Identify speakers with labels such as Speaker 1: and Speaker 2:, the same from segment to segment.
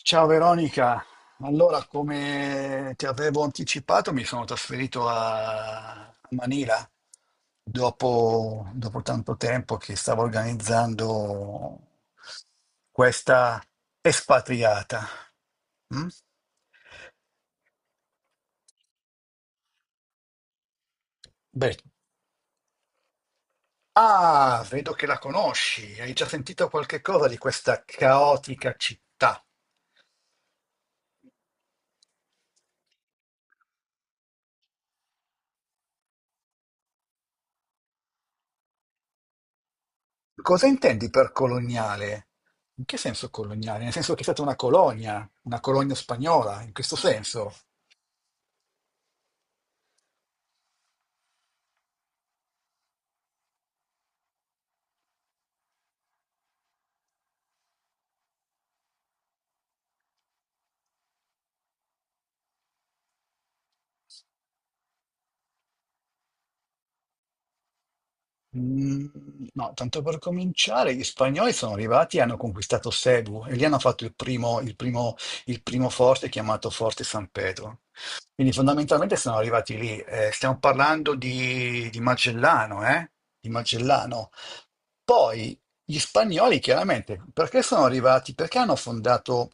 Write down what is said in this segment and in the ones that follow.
Speaker 1: Ciao Veronica, allora come ti avevo anticipato mi sono trasferito a Manila dopo tanto tempo che stavo organizzando questa espatriata. Mm? Beh, vedo che la conosci, hai già sentito qualche cosa di questa caotica città. Cosa intendi per coloniale? In che senso coloniale? Nel senso che è stata una colonia spagnola, in questo senso? Mm, no, tanto per cominciare, gli spagnoli sono arrivati e hanno conquistato Cebu e lì hanno fatto il primo forte chiamato Forte San Pedro. Quindi fondamentalmente sono arrivati lì. Stiamo parlando di Magellano, eh? Di Magellano. Poi gli spagnoli, chiaramente, perché sono arrivati? Perché hanno fondato.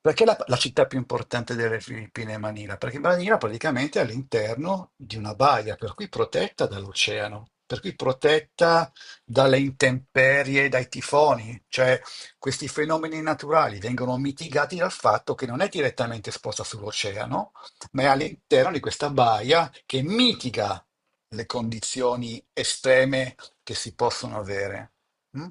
Speaker 1: Perché la città più importante delle Filippine è Manila? Perché Manila praticamente è all'interno di una baia, per cui protetta dall'oceano, per cui protetta dalle intemperie, dai tifoni, cioè questi fenomeni naturali vengono mitigati dal fatto che non è direttamente esposta sull'oceano, ma è all'interno di questa baia che mitiga le condizioni estreme che si possono avere. Mm?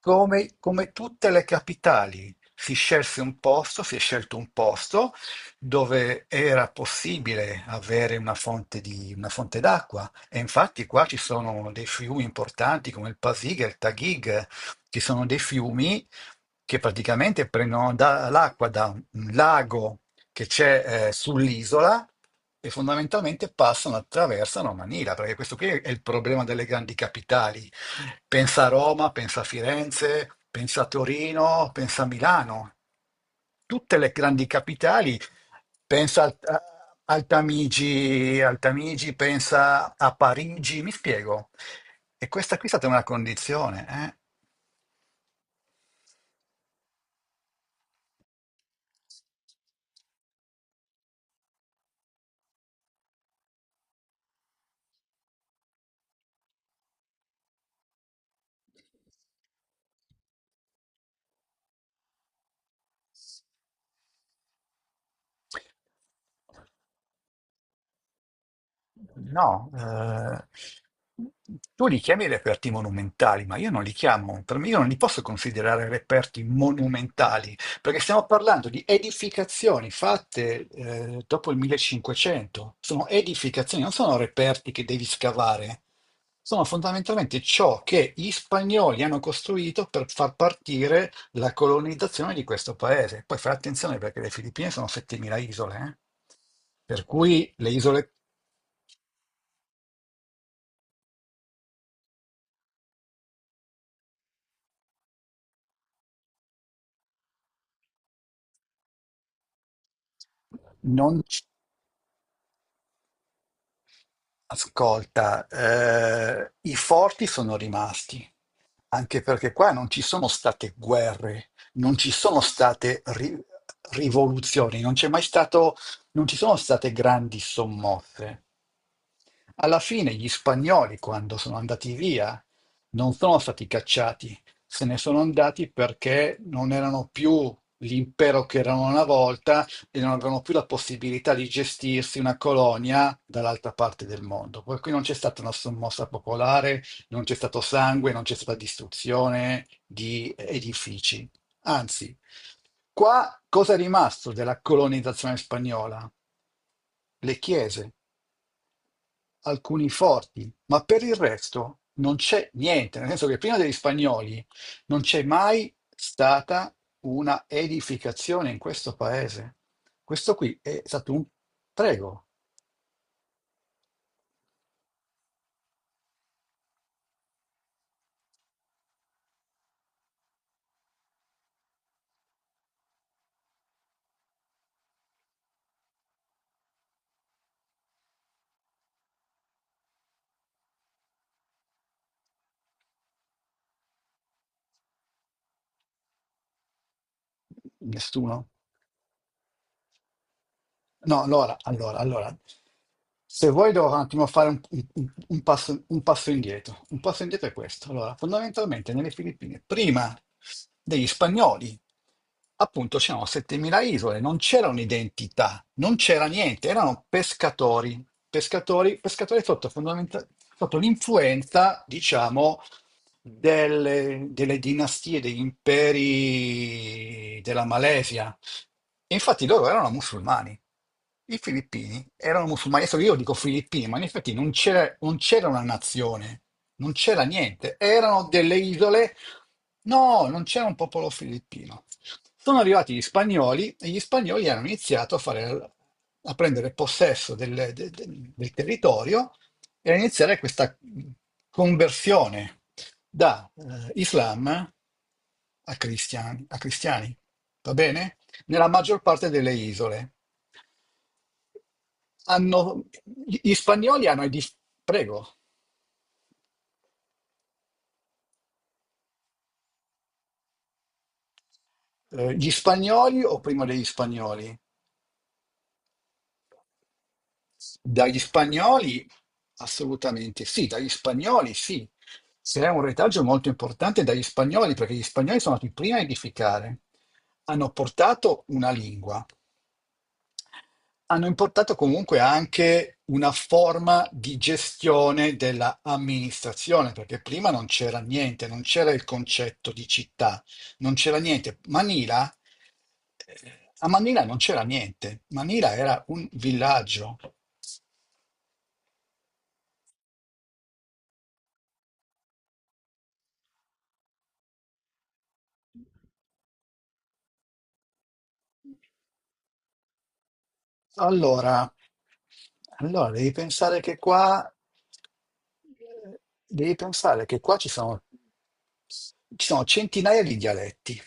Speaker 1: Come, come tutte le capitali, si scelse un posto, si è scelto un posto dove era possibile avere una fonte d'acqua. E infatti qua ci sono dei fiumi importanti come il Pasig e il Tagig, ci sono dei fiumi che praticamente l'acqua da un lago che c'è sull'isola e fondamentalmente passano, attraversano Manila, perché questo qui è il problema delle grandi capitali. Pensa a Roma, pensa a Firenze, pensa a Torino, pensa a Milano, tutte le grandi capitali, pensa al- a al Tamigi, pensa a Parigi, mi spiego. E questa qui è stata una condizione, eh? No, tu li chiami reperti monumentali, ma io non li chiamo, per me io non li posso considerare reperti monumentali, perché stiamo parlando di edificazioni fatte dopo il 1500, sono edificazioni, non sono reperti che devi scavare, sono fondamentalmente ciò che gli spagnoli hanno costruito per far partire la colonizzazione di questo paese. Poi fai attenzione perché le Filippine sono 7.000 isole, eh. Per cui le isole non, ascolta, i forti sono rimasti, anche perché qua non ci sono state guerre, non ci sono state ri- rivoluzioni, non c'è mai stato, non ci sono state grandi sommosse. Alla fine gli spagnoli, quando sono andati via, non sono stati cacciati, se ne sono andati perché non erano più l'impero che erano una volta e non avevano più la possibilità di gestirsi una colonia dall'altra parte del mondo. Per cui non c'è stata una sommossa popolare, non c'è stato sangue, non c'è stata distruzione di edifici. Anzi, qua cosa è rimasto della colonizzazione spagnola? Le chiese, alcuni forti, ma per il resto non c'è niente, nel senso che prima degli spagnoli non c'è mai stata una edificazione in questo paese. Questo qui è stato un prego, nessuno. No, allora, allora, allora, se vuoi devo un attimo fare un passo indietro. Un passo indietro è questo. Allora, fondamentalmente nelle Filippine, prima degli spagnoli, appunto, c'erano 7.000 isole, non c'era un'identità, non c'era niente, erano pescatori, pescatori, pescatori sotto, sotto l'influenza, diciamo, delle dinastie, degli imperi della Malesia. Infatti loro erano musulmani. I filippini erano musulmani. Adesso io dico filippini, ma in effetti non c'era una nazione, non c'era niente. Erano delle isole. No, non c'era un popolo filippino. Sono arrivati gli spagnoli e gli spagnoli hanno iniziato a fare, a prendere possesso del territorio e a iniziare questa conversione da Islam a cristiani, a cristiani. Va bene? Nella maggior parte delle isole. Hanno- Gli spagnoli prego, eh, gli spagnoli o prima degli spagnoli? Dagli spagnoli assolutamente sì, dagli spagnoli sì. C'è un retaggio molto importante dagli spagnoli perché gli spagnoli sono stati i primi a edificare. Hanno portato una lingua, hanno importato comunque anche una forma di gestione della amministrazione, perché prima non c'era niente, non c'era il concetto di città, non c'era niente. Manila, a Manila non c'era niente, Manila era un villaggio. Allora, allora devi pensare che qua, eh, devi pensare che qua ci sono centinaia di dialetti.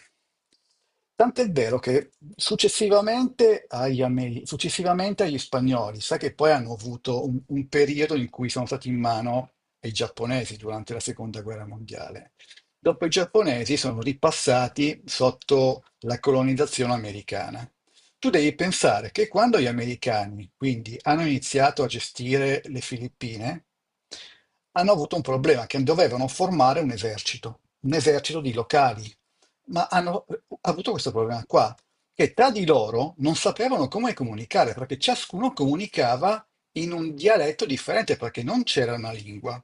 Speaker 1: Tant'è vero che successivamente agli spagnoli, sai che poi hanno avuto un periodo in cui sono stati in mano ai giapponesi durante la seconda guerra mondiale. Dopo i giapponesi sono ripassati sotto la colonizzazione americana. Tu devi pensare che quando gli americani, quindi, hanno iniziato a gestire le Filippine, hanno avuto un problema che dovevano formare un esercito di locali ma hanno avuto questo problema qua, che tra di loro non sapevano come comunicare, perché ciascuno comunicava in un dialetto differente, perché non c'era una lingua.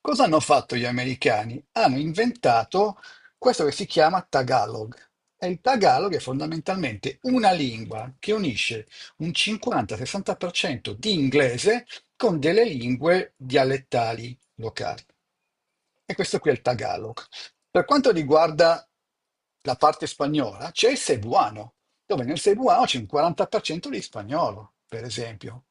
Speaker 1: Cosa hanno fatto gli americani? Hanno inventato questo che si chiama Tagalog. E il Tagalog è fondamentalmente una lingua che unisce un 50-60% di inglese con delle lingue dialettali locali. E questo qui è il Tagalog. Per quanto riguarda la parte spagnola, c'è il Cebuano, dove nel Cebuano c'è un 40% di spagnolo, per esempio.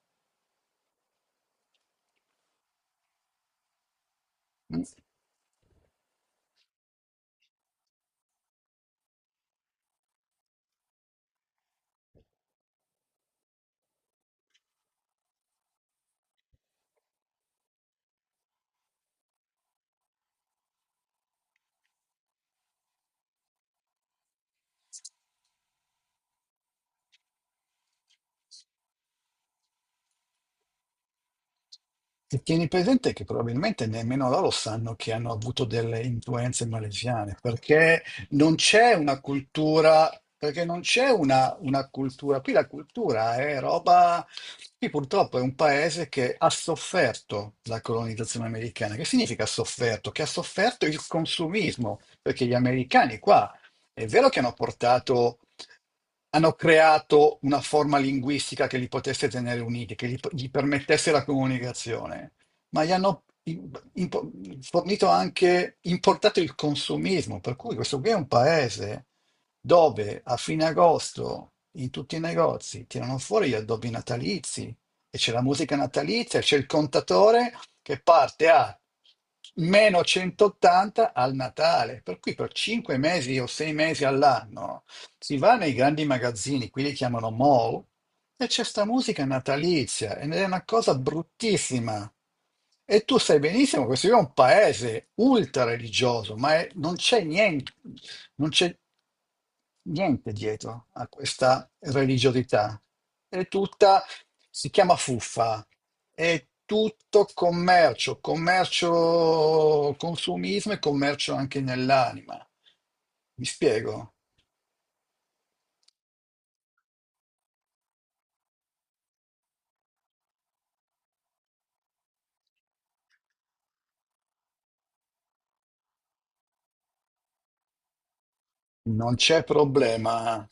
Speaker 1: E tieni presente che probabilmente nemmeno loro sanno che hanno avuto delle influenze malesiane, perché non c'è una cultura, perché non c'è una cultura. Qui la cultura è roba. Qui purtroppo è un paese che ha sofferto la colonizzazione americana. Che significa ha sofferto? Che ha sofferto il consumismo, perché gli americani qua è vero che hanno portato, hanno creato una forma linguistica che li potesse tenere uniti, che gli permettesse la comunicazione, ma gli hanno im- impo- fornito anche, importato il consumismo, per cui questo qui è un paese dove a fine agosto in tutti i negozi tirano fuori gli addobbi natalizi e c'è la musica natalizia, c'è il contatore che parte a meno 180 al Natale, per cui per 5 mesi o 6 mesi all'anno si va nei grandi magazzini, qui li chiamano mall, e c'è sta musica natalizia, ed è una cosa bruttissima. E tu sai benissimo che questo qui è un paese ultra religioso, ma non c'è niente, non c'è niente dietro a questa religiosità. È tutta, si chiama fuffa, è tutto commercio, commercio, consumismo e commercio anche nell'anima. Mi spiego? Non c'è problema.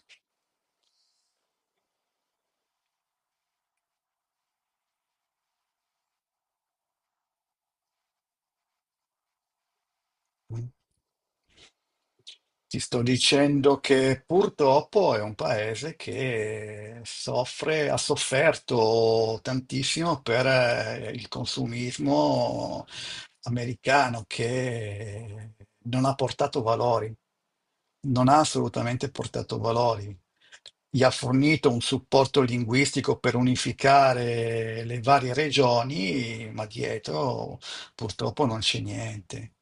Speaker 1: Ti sto dicendo che purtroppo è un paese che soffre, ha sofferto tantissimo per il consumismo americano che non ha portato valori, non ha assolutamente portato valori. Gli ha fornito un supporto linguistico per unificare le varie regioni, ma dietro purtroppo non c'è niente.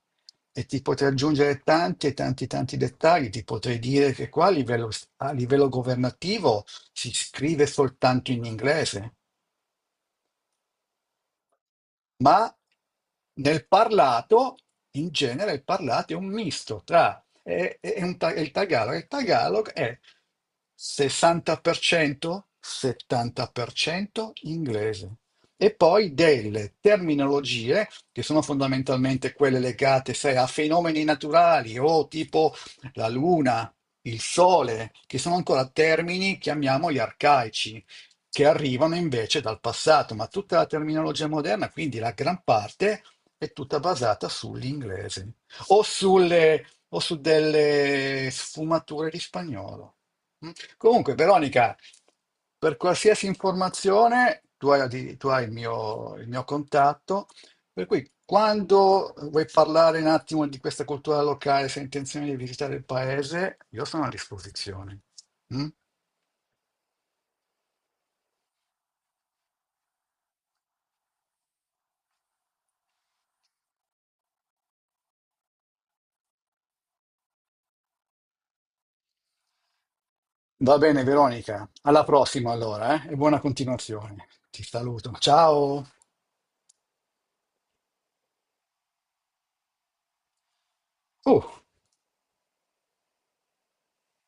Speaker 1: E ti potrei aggiungere tanti e tanti dettagli, ti potrei dire che qua a livello governativo si scrive soltanto in inglese, ma nel parlato, in genere, il parlato è un misto tra è il Tagalog. Il Tagalog è 60%, 70% inglese. E poi delle terminologie che sono fondamentalmente quelle legate, sai, a fenomeni naturali o tipo la luna, il sole, che sono ancora termini, chiamiamoli arcaici, che arrivano invece dal passato, ma tutta la terminologia moderna, quindi la gran parte, è tutta basata sull'inglese o, o su delle sfumature di spagnolo. Mm. Comunque, Veronica, per qualsiasi informazione, tu hai il mio contatto, per cui quando vuoi parlare un attimo di questa cultura locale, se hai intenzione di visitare il paese, io sono a disposizione. Mm? Va bene, Veronica. Alla prossima allora, eh? E buona continuazione. Ti saluto. Ciao. Oh.